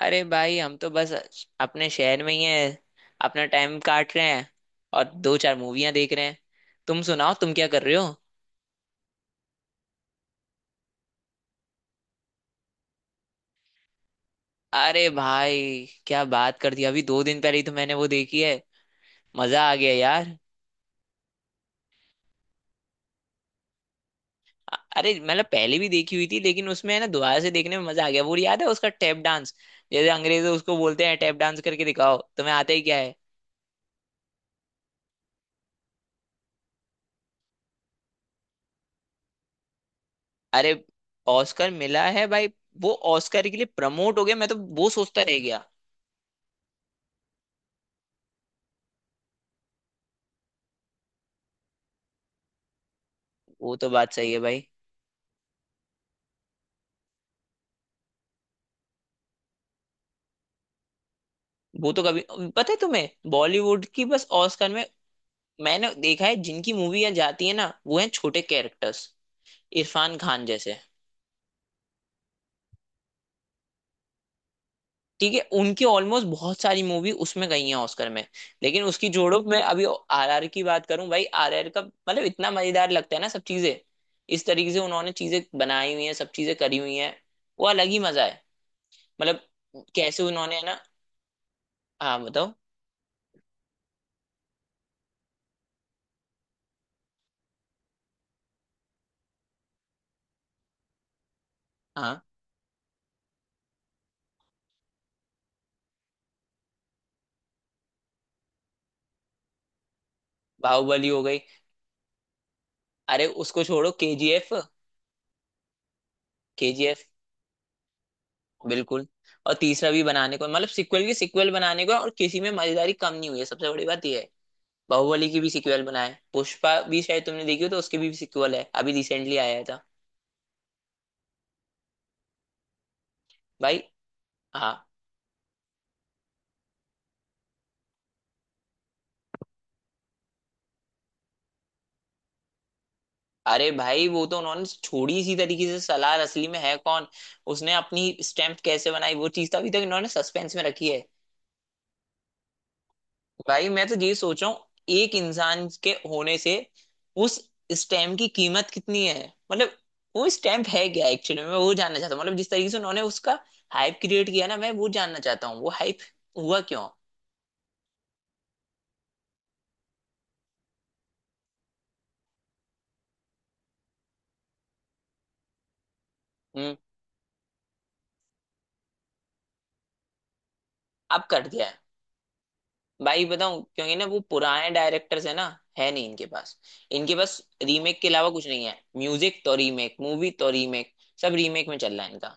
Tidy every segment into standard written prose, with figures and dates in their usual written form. अरे भाई, हम तो बस अपने शहर में ही हैं। अपना टाइम काट रहे हैं। और दो चार मूवियां देख रहे हैं। तुम सुनाओ, तुम क्या कर रहे हो? अरे भाई, क्या बात कर दी। अभी दो दिन पहले ही तो मैंने वो देखी है। मजा आ गया यार। अरे मतलब पहले भी देखी हुई थी, लेकिन उसमें है ना, दोबारा से देखने में मजा आ गया। वो याद है उसका टैप डांस? जैसे अंग्रेज उसको बोलते हैं, टैप डांस करके दिखाओ, तुम्हें आता ही क्या है। अरे, ऑस्कर मिला है भाई। वो ऑस्कर के लिए प्रमोट हो गया, मैं तो। वो सोचता रह गया। वो तो बात सही है भाई। वो तो कभी... पता है तुम्हें, बॉलीवुड की बस ऑस्कर में मैंने देखा है जिनकी मूवी जाती है ना, वो है छोटे कैरेक्टर्स, इरफान खान जैसे। ठीक है, उनकी ऑलमोस्ट बहुत सारी मूवी उसमें गई है ऑस्कर में। लेकिन उसकी जोड़ों में अभी आरआर की बात करूं भाई, आरआर का मतलब इतना मजेदार लगता है ना, सब चीजें इस तरीके से उन्होंने चीजें बनाई हुई हैं, सब चीजें करी हुई हैं। वो अलग ही मजा है। मतलब कैसे उन्होंने, है ना। हाँ बताओ। हाँ। बाहुबली हो गई। अरे उसको छोड़ो, केजीएफ। केजीएफ, बिल्कुल। और तीसरा भी बनाने को, मतलब सीक्वल की सीक्वल बनाने को है, और किसी में मजेदारी कम नहीं हुई है। सबसे बड़ी बात यह है, बाहुबली की भी सीक्वल बनाए। पुष्पा भी शायद तुमने देखी हो, तो उसकी भी सीक्वल है, अभी रिसेंटली आया था। भाई। हाँ। अरे भाई, वो तो उन्होंने छोड़ी इसी तरीके से। सलार असली में है कौन, उसने अपनी स्टैम्प कैसे बनाई, वो चीज तो अभी तक इन्होंने सस्पेंस में रखी है। भाई मैं तो ये सोच रहा हूँ, एक इंसान के होने से उस स्टैम्प की कीमत कितनी है, मतलब वो स्टैम्प है क्या एक्चुअली। मैं वो जानना चाहता हूँ, मतलब जिस तरीके से उन्होंने उसका हाइप क्रिएट किया ना, मैं वो जानना चाहता हूँ वो हाइप हुआ क्यों। हम्म। अब कट गया है। भाई बताऊँ, क्योंकि ना वो पुराने डायरेक्टर्स है ना। है नहीं इनके पास। इनके पास रीमेक के अलावा कुछ नहीं है। म्यूजिक तो रीमेक, मूवी तो रीमेक, सब रीमेक में चल रहा है इनका।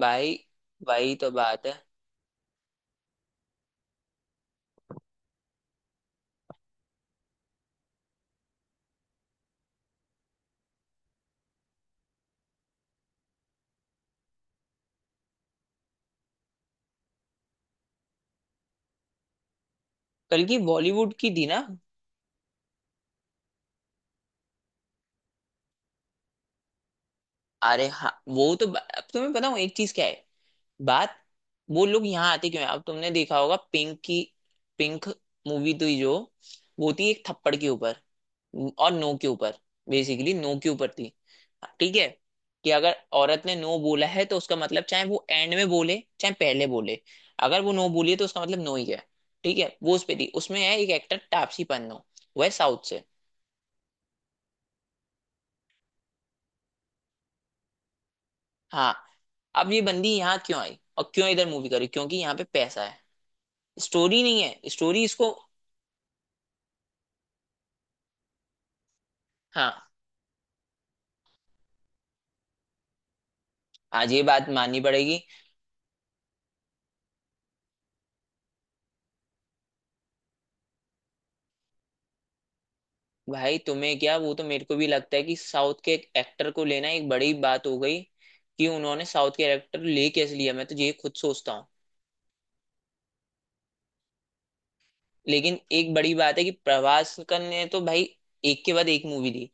भाई वही तो बात है। कल की बॉलीवुड की थी ना? अरे हाँ, वो तो अब तुम्हें बताऊँ एक चीज, क्या है बात। वो लोग यहाँ आते क्यों है? अब तुमने देखा होगा पिंक की। पिंक मूवी थी जो, वो थी एक थप्पड़ के ऊपर और नो के ऊपर, बेसिकली नो के ऊपर थी। ठीक है, कि अगर औरत ने नो बोला है तो उसका मतलब, चाहे वो एंड में बोले चाहे पहले बोले, अगर वो नो बोली है तो उसका मतलब नो ही है। ठीक है, वो उस पे थी। उसमें है एक एक्टर तापसी पन्नू, वह साउथ से। हाँ। अब ये बंदी यहाँ क्यों आई और क्यों इधर मूवी करी, क्योंकि यहाँ पे पैसा है, स्टोरी नहीं है। स्टोरी इसको... हाँ। आज ये बात माननी पड़ेगी। भाई तुम्हें क्या, वो तो मेरे को भी लगता है कि साउथ के एक एक्टर को लेना एक बड़ी बात हो गई, कि उन्होंने साउथ के एक्टर ले कैसे लिया, मैं तो ये खुद सोचता हूँ। लेकिन एक बड़ी बात है कि प्रभास ने तो भाई एक के बाद एक मूवी दी।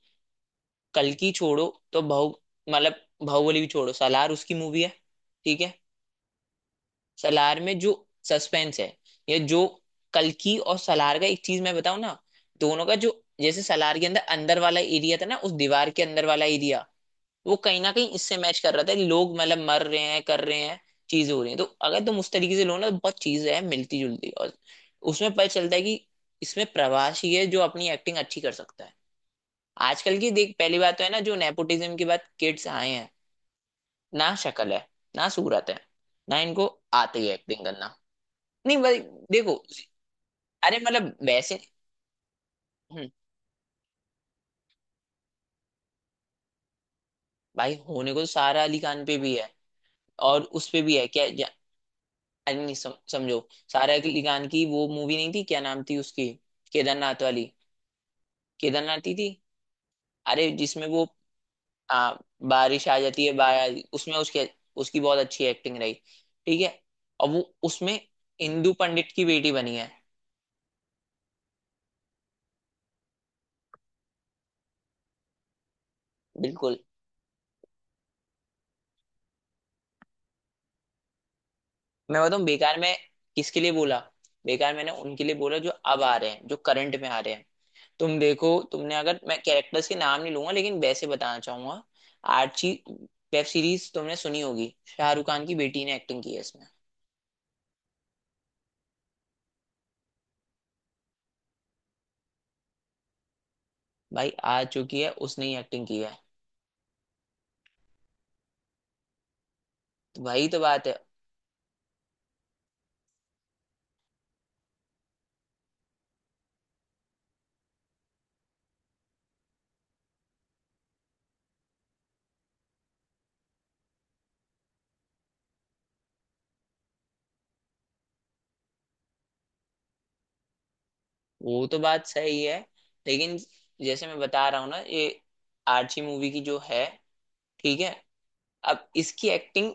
कल्कि छोड़ो, तो बहु मतलब बाहुबली भी छोड़ो, सालार उसकी मूवी है। ठीक है। सलार में जो सस्पेंस है, या जो कल्कि और सलार का, एक चीज मैं बताऊं ना, दोनों का जो, जैसे सलार के अंदर, अंदर वाला एरिया था ना, उस दीवार के अंदर वाला एरिया, वो कहीं ना कहीं इससे मैच कर रहा था। लोग मतलब मर रहे हैं, कर रहे हैं, चीजें हो रही हैं। तो अगर तुम उस तरीके से लो ना, तो बहुत चीजें हैं मिलती जुलती, और उसमें पता चलता है कि इसमें प्रवासी है जो अपनी एक्टिंग अच्छी कर सकता है। आजकल की देख, पहली बात तो है ना, जो नेपोटिज्म के बाद किड्स आए हैं, ना शक्ल है, ना सूरत है, ना इनको आती है एक्टिंग करना। नहीं भाई, देखो। अरे मतलब वैसे। हम्म। भाई होने को तो सारा अली खान पे भी है, और उस पे भी है, क्या अरे नहीं, समझो। सारा अली खान की वो मूवी नहीं थी, क्या नाम थी उसकी, केदारनाथ वाली। केदारनाथ ही थी। अरे जिसमें वो आ, बारिश आ जाती है, बारिश उसमें उसके उसकी बहुत अच्छी एक्टिंग रही। ठीक है। और वो उसमें इंदु पंडित की बेटी बनी है। बिल्कुल। मैं बताऊं, बेकार में किसके लिए बोला? बेकार मैंने उनके लिए बोला जो अब आ रहे हैं, जो करंट में आ रहे हैं। तुम देखो, तुमने, अगर मैं कैरेक्टर्स के नाम नहीं लूंगा लेकिन वैसे बताना चाहूंगा, आर्ची वेब सीरीज तुमने सुनी होगी, शाहरुख खान की बेटी ने एक्टिंग की है इसमें। भाई आ चुकी है, उसने ही एक्टिंग की है। तो वही तो बात है। वो तो बात सही है। लेकिन जैसे मैं बता रहा हूँ ना, ये आर्ची मूवी की जो है, ठीक है, अब इसकी एक्टिंग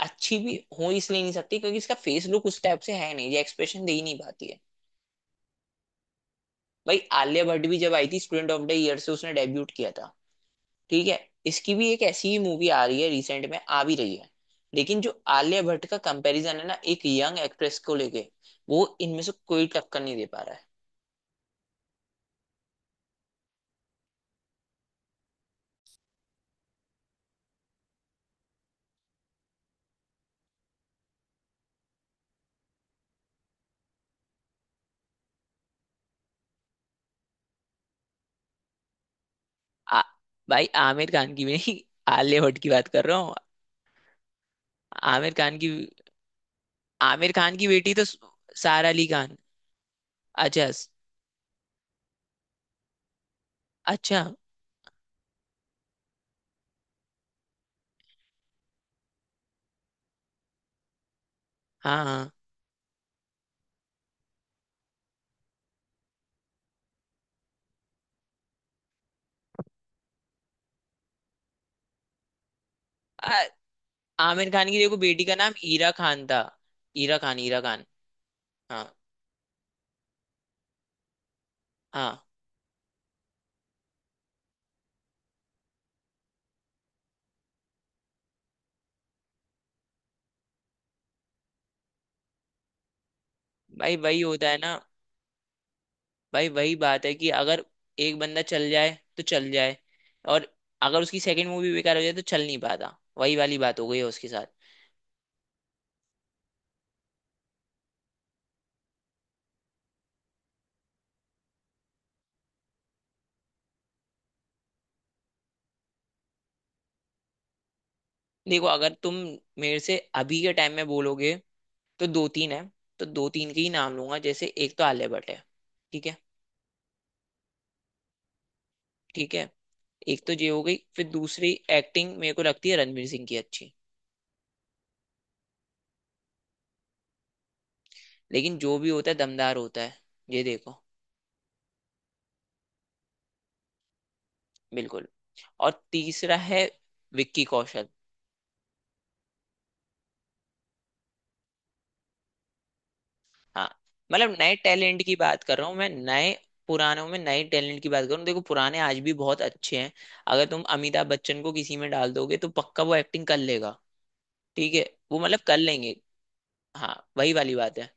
अच्छी भी हो इसलिए नहीं सकती, क्योंकि इसका फेस लुक उस टाइप से है नहीं, ये एक्सप्रेशन दे ही नहीं पाती है। भाई आलिया भट्ट भी जब आई थी, स्टूडेंट ऑफ द ईयर से उसने डेब्यूट किया था। ठीक है। इसकी भी एक ऐसी ही मूवी आ रही है, रिसेंट में आ भी रही है। लेकिन जो आलिया भट्ट का कंपैरिजन है ना, एक यंग एक्ट्रेस को लेके, वो इनमें से कोई टक्कर नहीं दे पा रहा है। आ, भाई आमिर खान की भी नहीं, आलिया भट्ट की बात कर रहा हूँ। आमिर खान की। आमिर खान की बेटी तो सारा अली खान। अच्छा। अच्छा। हाँ हाँ। आ, आमिर खान की देखो, बेटी का नाम हीरा खान था। हीरा खान, हीरा खान। हाँ हाँ। भाई वही होता है ना। भाई वही बात है, कि अगर एक बंदा चल जाए तो चल जाए, और अगर उसकी सेकंड मूवी बेकार हो जाए तो चल नहीं पाता। वही वाली बात हो गई है उसके साथ। देखो अगर तुम मेरे से अभी के टाइम में बोलोगे, तो दो तीन है। तो दो तीन के ही नाम लूंगा, जैसे एक तो आलिया भट्ट है। ठीक है। ठीक है। एक तो ये हो गई, फिर दूसरी एक्टिंग मेरे को लगती है रणवीर सिंह की अच्छी। लेकिन जो भी होता है दमदार होता है। ये देखो। बिल्कुल। और तीसरा है विक्की कौशल। हाँ। मतलब नए टैलेंट की बात कर रहा हूँ मैं, नए। पुरानों में नए टैलेंट की बात करूँ, देखो पुराने आज भी बहुत अच्छे हैं। अगर तुम अमिताभ बच्चन को किसी में डाल दोगे तो पक्का वो एक्टिंग कर लेगा। ठीक है। वो मतलब कर लेंगे। हाँ, वही वाली बात है।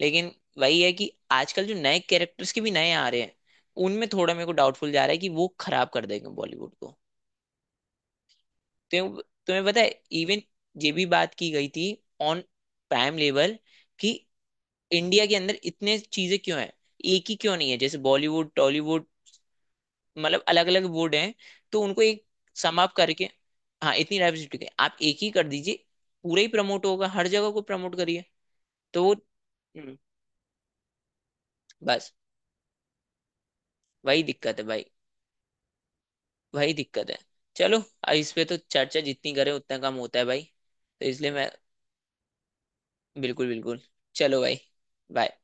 लेकिन वही है कि आजकल जो नए कैरेक्टर्स के भी नए आ रहे हैं, उनमें थोड़ा मेरे को डाउटफुल जा रहा है कि वो खराब कर देंगे बॉलीवुड को। तुम्हें तुम्हें पता है। इवन ये भी बात की गई थी ऑन प्राइम लेवल, कि इंडिया के अंदर इतने चीजें क्यों हैं, एक ही क्यों नहीं है, जैसे बॉलीवुड टॉलीवुड, मतलब अलग अलग बोर्ड हैं, तो उनको एक समाप्त करके। हाँ, इतनी डाइवर्सिटी आप एक ही कर दीजिए, पूरा ही प्रमोट होगा, हर जगह को प्रमोट करिए। तो वो हम्म, बस। वही दिक्कत है भाई। वही दिक्कत है। चलो, अब इस पे तो चर्चा जितनी करें उतना कम होता है भाई। तो इसलिए मैं, बिल्कुल बिल्कुल। चलो भाई, बाय।